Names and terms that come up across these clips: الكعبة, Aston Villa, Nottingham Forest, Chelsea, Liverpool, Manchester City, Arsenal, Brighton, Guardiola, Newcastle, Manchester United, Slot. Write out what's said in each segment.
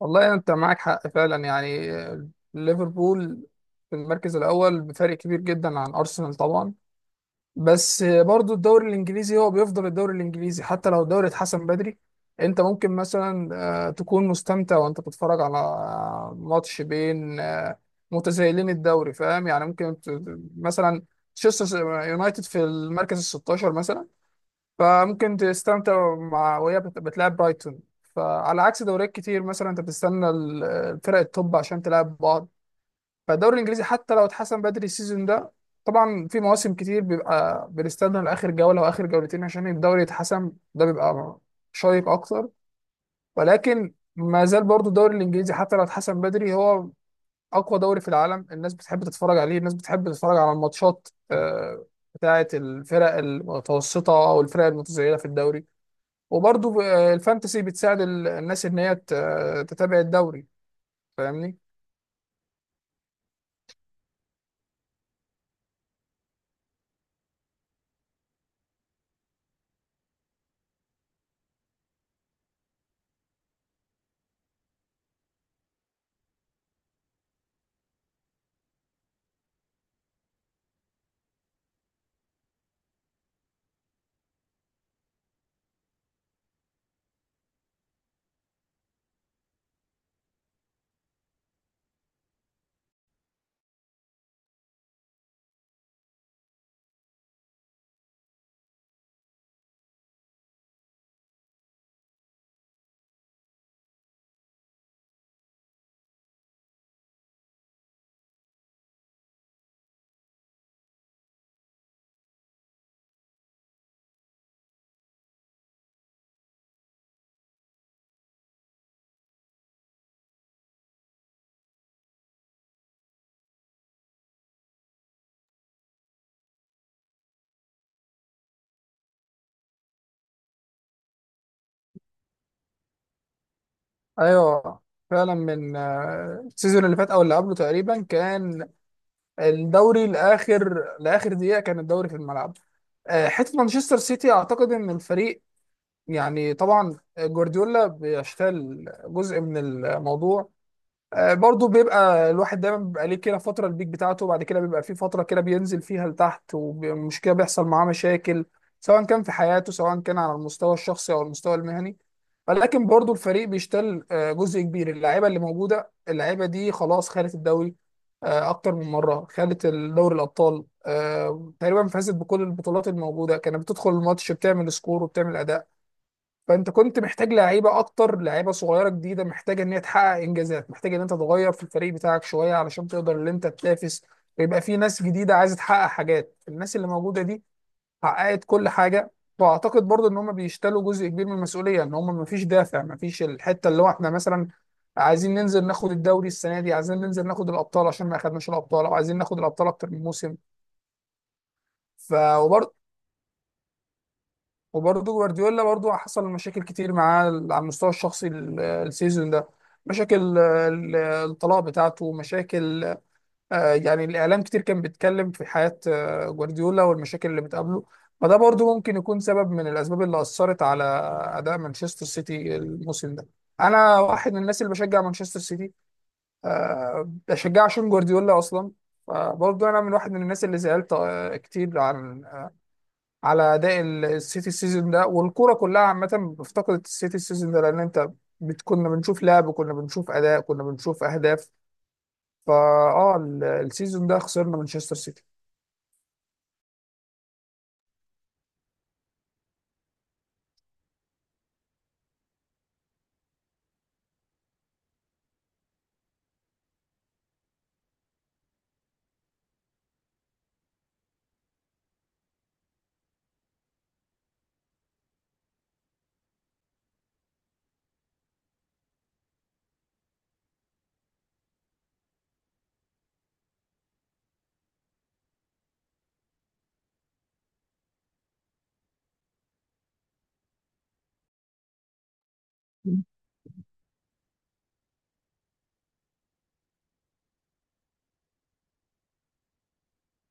والله انت معاك حق فعلا يعني ليفربول في المركز الاول بفرق كبير جدا عن ارسنال طبعا. بس برضو الدوري الانجليزي هو بيفضل الدوري الانجليزي حتى لو الدوري اتحسن بدري. انت ممكن مثلا تكون مستمتع وانت بتتفرج على ماتش بين متزايلين الدوري، فاهم يعني، ممكن مثلا تشيلسي يونايتد في المركز ال 16 مثلا. فممكن تستمتع مع وهي بتلعب برايتون. فعلى عكس دوريات كتير، مثلا انت بتستنى الفرق التوب عشان تلعب بعض. فالدوري الانجليزي حتى لو اتحسن بدري السيزون ده، طبعا في مواسم كتير بيبقى بنستنى لاخر جوله واخر جولتين عشان الدوري يتحسن، ده بيبقى شيق اكتر. ولكن ما زال برضو الدوري الانجليزي حتى لو اتحسن بدري هو اقوى دوري في العالم، الناس بتحب تتفرج عليه، الناس بتحب تتفرج على الماتشات بتاعه الفرق المتوسطه او الفرق المتزايده في الدوري. وبرضه الفانتسي بتساعد الناس ان هي تتابع الدوري، فاهمني. ايوه، فعلا من السيزون اللي فات او اللي قبله تقريبا كان الدوري لاخر دقيقه، كان الدوري في الملعب. حته مانشستر سيتي، اعتقد ان الفريق يعني طبعا جوارديولا بيشتغل جزء من الموضوع. برضو بيبقى الواحد دايما بيبقى ليه كده فترة البيك بتاعته، وبعد كده بيبقى في فترة كده بينزل فيها لتحت، ومش كده بيحصل معاه مشاكل سواء كان في حياته، سواء كان على المستوى الشخصي أو المستوى المهني. ولكن برضو الفريق بيشتل جزء كبير. اللعيبة اللي موجودة، اللعيبة دي خلاص خدت الدوري أكتر من مرة، خدت دوري الأبطال، تقريبا فازت بكل البطولات الموجودة، كانت بتدخل الماتش بتعمل سكور وبتعمل أداء. فانت كنت محتاج لعيبه اكتر، لعيبه صغيره جديده محتاجه ان هي تحقق انجازات، محتاج ان انت تغير في الفريق بتاعك شويه علشان تقدر ان انت تنافس، ويبقى في ناس جديده عايزه تحقق حاجات. الناس اللي موجوده دي حققت كل حاجه. واعتقد برضو ان هم بيشتلوا جزء كبير من المسؤوليه، ان هم ما فيش دافع، ما فيش الحته اللي هو احنا مثلا عايزين ننزل ناخد الدوري السنه دي، عايزين ننزل ناخد الابطال عشان ما اخدناش الابطال، او عايزين ناخد الابطال اكتر من موسم. ف وبرضه جوارديولا برضه حصل مشاكل كتير معاه على المستوى الشخصي السيزون ده. مشاكل الطلاق بتاعته، مشاكل. يعني الإعلام كتير كان بيتكلم في حياة جوارديولا والمشاكل اللي بتقابله. فده برضه ممكن يكون سبب من الأسباب اللي أثرت على أداء مانشستر سيتي الموسم ده. أنا واحد من الناس اللي بشجع مانشستر سيتي، بشجع عشان جوارديولا أصلا. فبرضه أنا من واحد من الناس اللي زعلت كتير عن على اداء السيتي السيزون ده، والكوره كلها عامه افتقدت السيتي السيزون ده، لان انت كنا بنشوف لعب، كنا بنشوف اداء، كنا بنشوف اهداف. فا السيزون ده خسرنا مانشستر سيتي.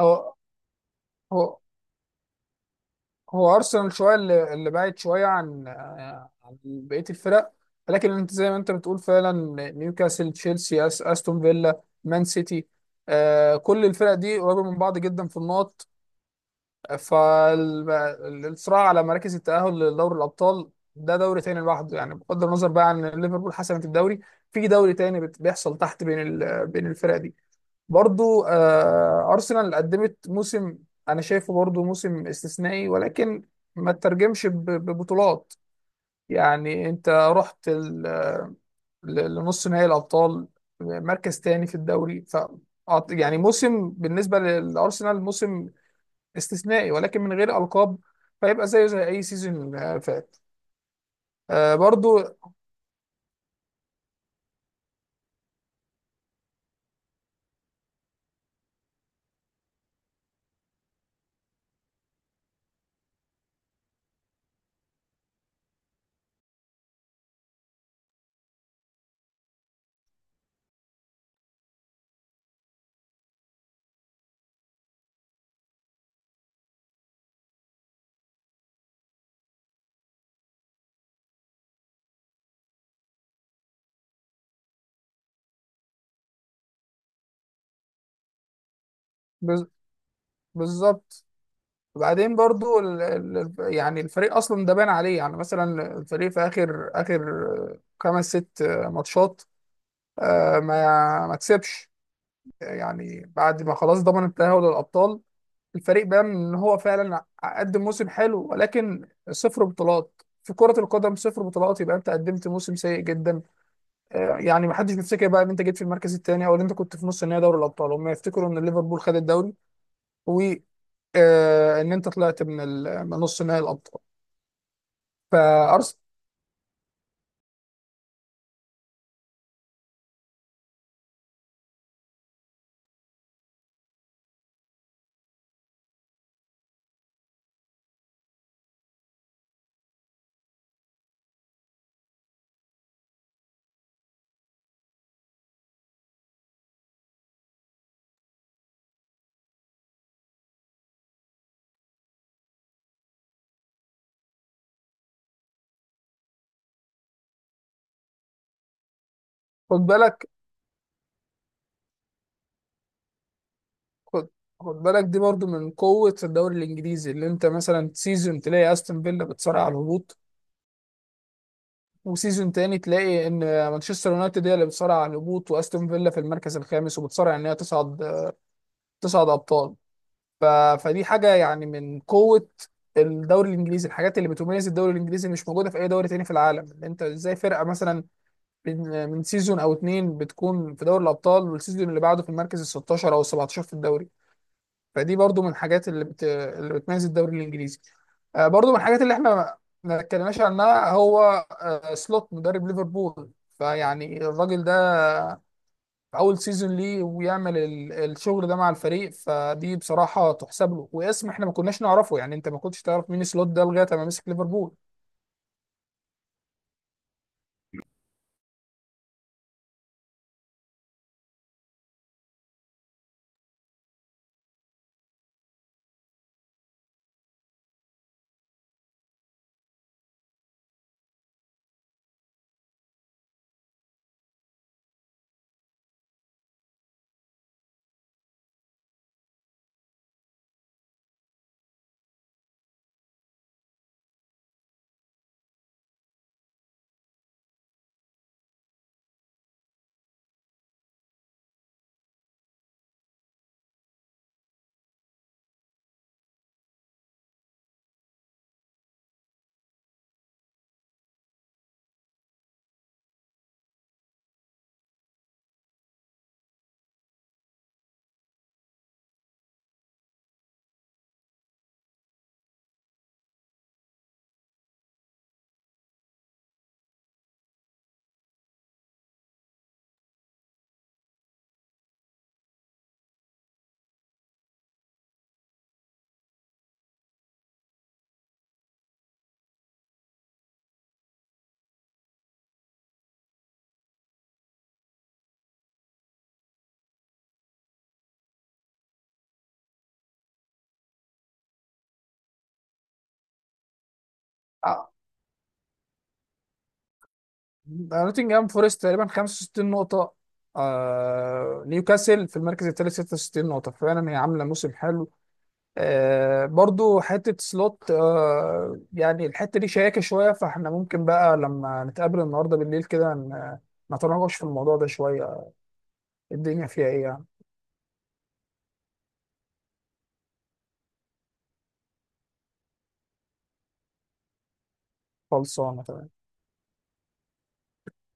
هو هو هو ارسنال شويه اللي بعد شويه عن عن بقيه الفرق. لكن انت زي ما انت بتقول فعلا، نيوكاسل، تشيلسي، استون فيلا، مان سيتي، كل الفرق دي قريبه من بعض جدا في النقط. فالصراع على مراكز التأهل لدوري الأبطال ده دوري تاني لوحده، يعني بغض النظر بقى عن ليفربول حسمت الدوري، في دوري تاني بيحصل تحت بين بين الفرق دي. برضو أرسنال قدمت موسم. أنا شايفه برضو موسم استثنائي، ولكن ما تترجمش ببطولات. يعني أنت رحت لنص نهائي الأبطال، مركز تاني في الدوري. يعني موسم بالنسبة للأرسنال موسم استثنائي ولكن من غير ألقاب، فيبقى زيه زي أي سيزون فات. برضو بز- بالظبط. وبعدين برضو يعني الفريق أصلا ده بان عليه، يعني مثلا الفريق في آخر آخر خمس ست ماتشات ما كسبش، يعني بعد ما خلاص ضمن التأهل للأبطال. الفريق بان إن هو فعلا قدم موسم حلو، ولكن صفر بطولات في كرة القدم، صفر بطولات، يبقى أنت قدمت موسم سيء جدا. يعني ما حدش بيفتكر بقى ان انت جيت في المركز الثاني او ان انت كنت في نص النهائي دوري الابطال، هم يفتكروا ان ليفربول خد الدوري وان انت طلعت من من نص نهائي الابطال. فارسنال، خد بالك، خد خد بالك دي برضو من قوة الدوري الانجليزي، اللي انت مثلا سيزون تلاقي استون فيلا بتصارع على الهبوط، وسيزون تاني تلاقي ان مانشستر يونايتد هي اللي بتصارع على الهبوط، واستون فيلا في المركز الخامس وبتصارع ان هي تصعد، ابطال. ف... فدي حاجه يعني من قوه الدوري الانجليزي، الحاجات اللي بتميز الدوري الانجليزي مش موجوده في اي دوري تاني في العالم، إن انت ازاي فرقه مثلا من سيزون او اتنين بتكون في دوري الابطال والسيزون اللي بعده في المركز ال 16 او ال 17 في الدوري. فدي برضو من الحاجات اللي اللي بتميز الدوري الانجليزي. برضو من الحاجات اللي احنا ما اتكلمناش عنها هو سلوت مدرب ليفربول. فيعني الراجل ده في اول سيزون ليه ويعمل الشغل ده مع الفريق، فدي بصراحه تحسب له، واسم احنا ما كناش نعرفه، يعني انت ما كنتش تعرف مين سلوت ده لغايه ما مسك ليفربول. آه، نوتنجهام فورست تقريبا 65 نقطه، نيوكاسل في المركز الثالث 66 نقطه، فعلا هي عامله موسم حلو. برضو حته سلوت، يعني الحته دي شياكه شويه، فاحنا ممكن بقى لما نتقابل النهارده بالليل كده نتناقش في الموضوع ده شويه. الدنيا فيها ايه يعني. خلصانه تمام.